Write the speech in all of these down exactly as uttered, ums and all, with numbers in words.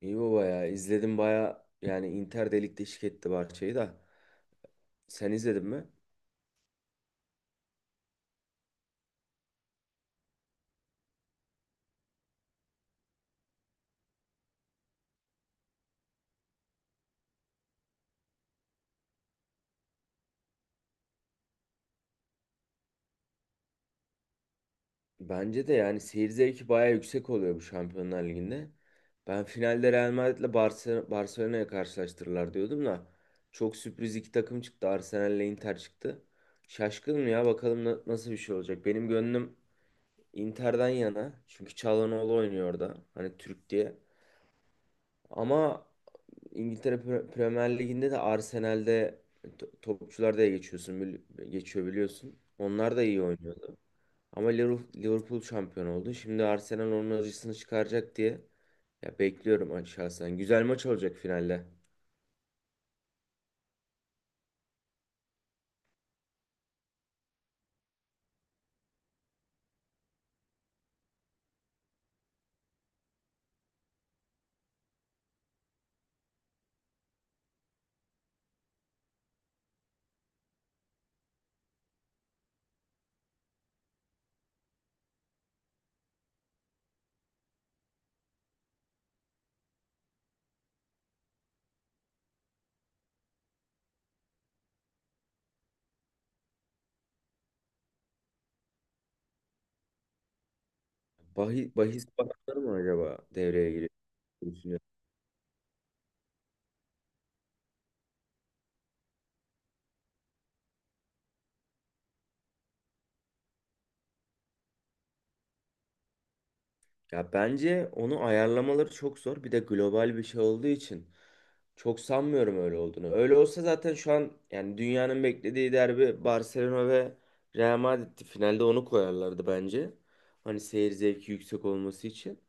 İyi baba ya. İzledim baya yani Inter de ligde şık etti Barça'yı da. Sen izledin mi? Bence de yani seyir zevki baya yüksek oluyor bu Şampiyonlar Ligi'nde. Ben finalde Real Madrid'le Barcelona, Barcelona'ya karşılaştırırlar diyordum da. Çok sürpriz iki takım çıktı. Arsenal'le Inter çıktı. Şaşkınım ya bakalım na- nasıl bir şey olacak. Benim gönlüm Inter'den yana. Çünkü Çalhanoğlu oynuyor orada. Hani Türk diye. Ama İngiltere Premier Ligi'nde de Arsenal'de to- topçular da geçiyorsun bili- geçiyor biliyorsun. Onlar da iyi oynuyordu. Ama Liverpool Liverpool şampiyon oldu. Şimdi Arsenal onun acısını çıkaracak diye ya bekliyorum a- şahsen. Güzel maç olacak finalde. Bahis, bahis bakanları mı acaba devreye giriyor? Ya bence onu ayarlamaları çok zor. Bir de global bir şey olduğu için çok sanmıyorum öyle olduğunu. Öyle olsa zaten şu an yani dünyanın beklediği derbi Barcelona ve Real Madrid'ti. Finalde onu koyarlardı bence. Hani seyir zevki yüksek olması için.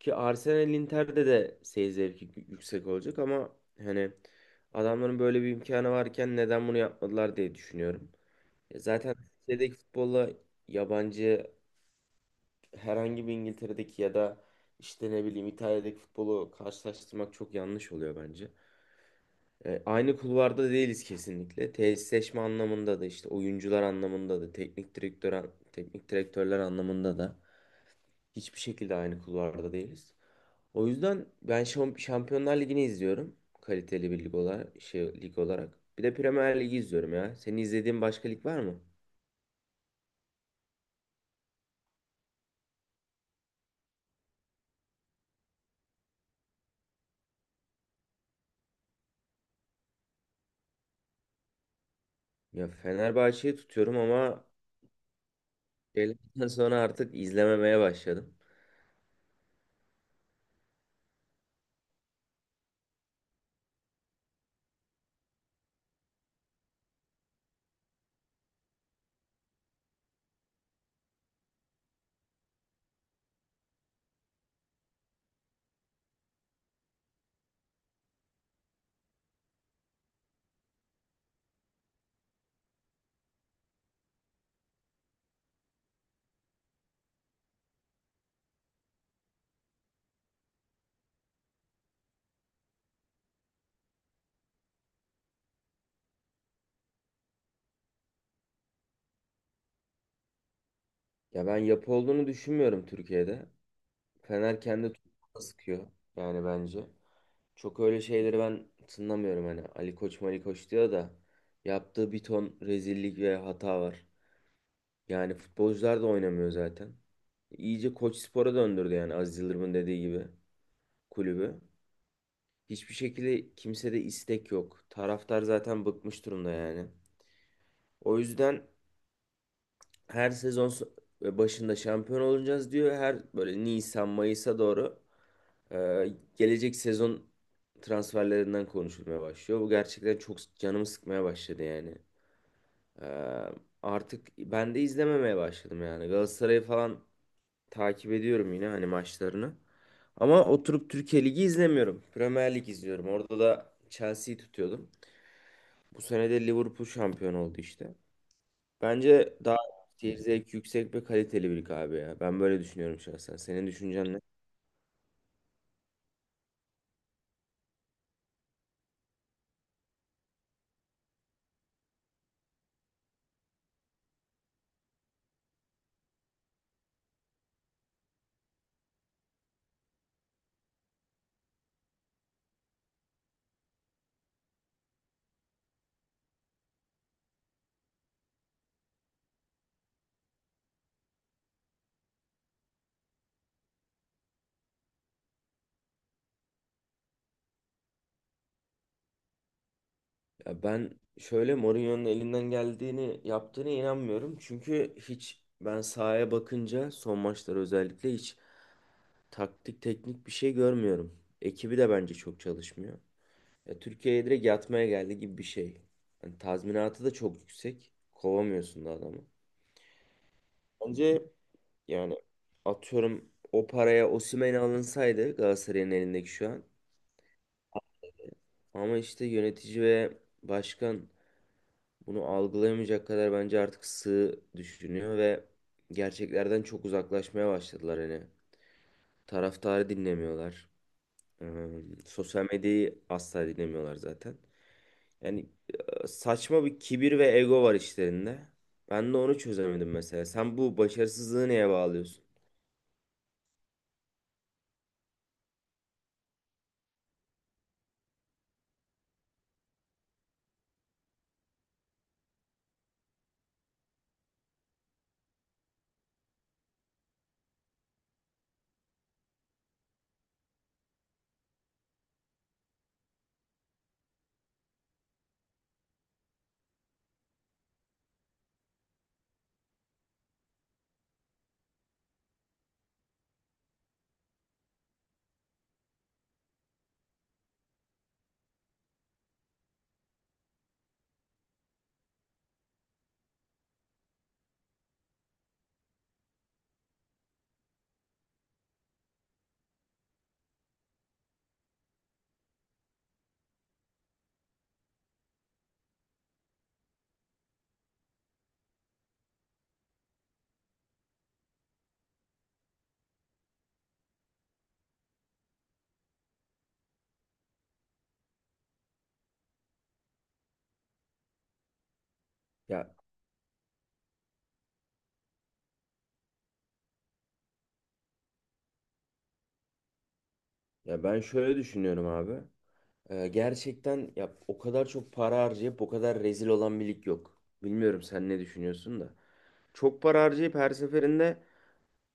Ki Arsenal Inter'de de seyir zevki yü- yüksek olacak ama hani adamların böyle bir imkanı varken neden bunu yapmadılar diye düşünüyorum. E, zaten Türkiye'deki futbolla yabancı herhangi bir İngiltere'deki ya da işte ne bileyim İtalya'daki futbolu karşılaştırmak çok yanlış oluyor bence. E, aynı kulvarda değiliz kesinlikle. Tesisleşme anlamında da işte oyuncular anlamında da teknik direktör an- teknik direktörler anlamında da hiçbir şekilde aynı kulvarda değiliz. O yüzden ben Şam- Şampiyonlar Ligi'ni izliyorum. Kaliteli bir lig olarak, şey, lig olarak. Bir de Premier Ligi izliyorum ya. Senin izlediğin başka lig var mı? Ya Fenerbahçe'yi tutuyorum ama şeylerden sonra artık izlememeye başladım. Ya ben yapı olduğunu düşünmüyorum Türkiye'de. Fener kendi topuğuna sıkıyor yani bence. Çok öyle şeyleri ben tınlamıyorum hani Ali Koç Mali Koç diyor da yaptığı bir ton rezillik ve hata var. Yani futbolcular da oynamıyor zaten. İyice Koç Spor'a döndürdü yani Aziz Yıldırım'ın dediği gibi kulübü. Hiçbir şekilde kimsede istek yok. Taraftar zaten bıkmış durumda yani. O yüzden her sezon so- başında şampiyon olacağız diyor. Her böyle Nisan Mayıs'a doğru Ee, gelecek sezon transferlerinden konuşulmaya başlıyor. Bu gerçekten çok canımı sıkmaya başladı yani. Ee, artık ben de izlememeye başladım yani. Galatasaray'ı falan takip ediyorum yine hani maçlarını. Ama oturup Türkiye Ligi izlemiyorum. Premier Lig izliyorum. Orada da Chelsea'yi tutuyordum. Bu sene de Liverpool şampiyon oldu işte. Bence daha seyir zevki yüksek ve kaliteli bir lig abi ya. Ben böyle düşünüyorum şahsen. Senin düşüncen ne? Ya ben şöyle Mourinho'nun elinden geldiğini yaptığına inanmıyorum. Çünkü hiç ben sahaya bakınca son maçlar özellikle hiç taktik teknik bir şey görmüyorum. Ekibi de bence çok çalışmıyor. Ya Türkiye'ye direkt yatmaya geldi gibi bir şey. Yani tazminatı da çok yüksek. Kovamıyorsun da adamı. Bence yani atıyorum o paraya Osimhen alınsaydı Galatasaray'ın elindeki şu an. Ama işte yönetici ve başkan bunu algılayamayacak kadar bence artık sığ düşünüyor ve gerçeklerden çok uzaklaşmaya başladılar hani. Taraftarı dinlemiyorlar. Ee, sosyal medyayı asla dinlemiyorlar zaten. Yani e, saçma bir kibir ve ego var işlerinde. Ben de onu çözemedim mesela. Sen bu başarısızlığı neye bağlıyorsun? Ya, ya ben şöyle düşünüyorum abi. Ee, gerçekten ya o kadar çok para harcayıp o kadar rezil olan bir lig yok. Bilmiyorum sen ne düşünüyorsun da. Çok para harcayıp her seferinde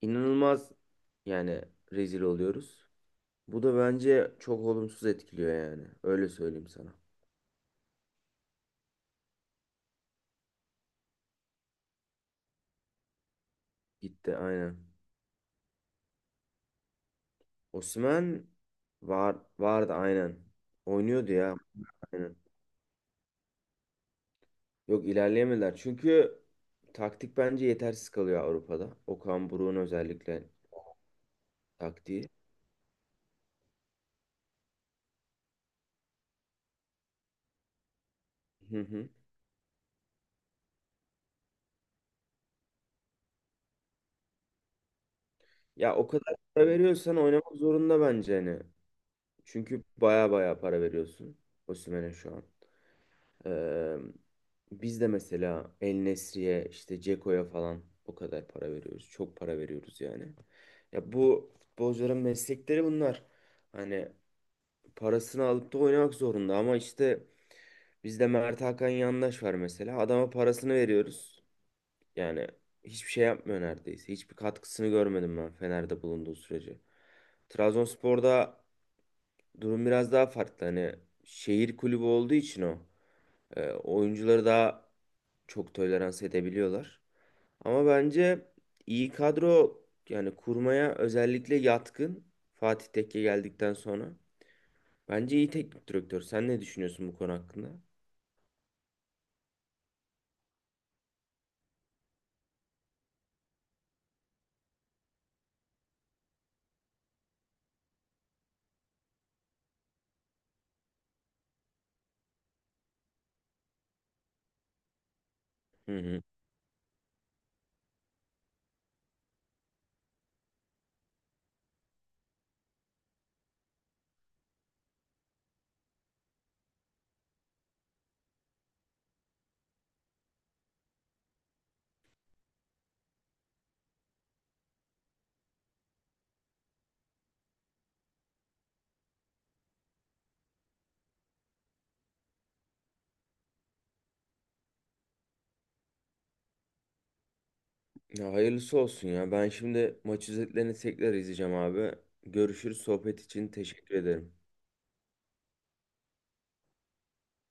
inanılmaz yani rezil oluyoruz. Bu da bence çok olumsuz etkiliyor yani. Öyle söyleyeyim sana. Gitti aynen. Osimhen var vardı aynen. Oynuyordu ya aynen. Yok ilerleyemediler. Çünkü taktik bence yetersiz kalıyor Avrupa'da. Okan Buruk'un özellikle taktiği. Hı hı. Ya o kadar para veriyorsan oynamak zorunda bence hani. Çünkü baya baya para veriyorsun Osimhen'e şu an. Ee, biz de mesela El Nesri'ye işte Ceko'ya falan o kadar para veriyoruz. Çok para veriyoruz yani. Ya bu futbolcuların meslekleri bunlar. Hani parasını alıp da oynamak zorunda ama işte bizde Mert Hakan Yandaş var mesela. Adama parasını veriyoruz. Yani hiçbir şey yapmıyor neredeyse. Hiçbir katkısını görmedim ben Fener'de bulunduğu sürece. Trabzonspor'da durum biraz daha farklı. Hani şehir kulübü olduğu için o. E, oyuncuları daha çok tolerans edebiliyorlar. Ama bence iyi kadro yani kurmaya özellikle yatkın Fatih Tekke geldikten sonra. Bence iyi teknik direktör. Sen ne düşünüyorsun bu konu hakkında? Hı hı. Ya hayırlısı olsun ya. Ben şimdi maç özetlerini tekrar izleyeceğim abi. Görüşürüz. Sohbet için teşekkür ederim.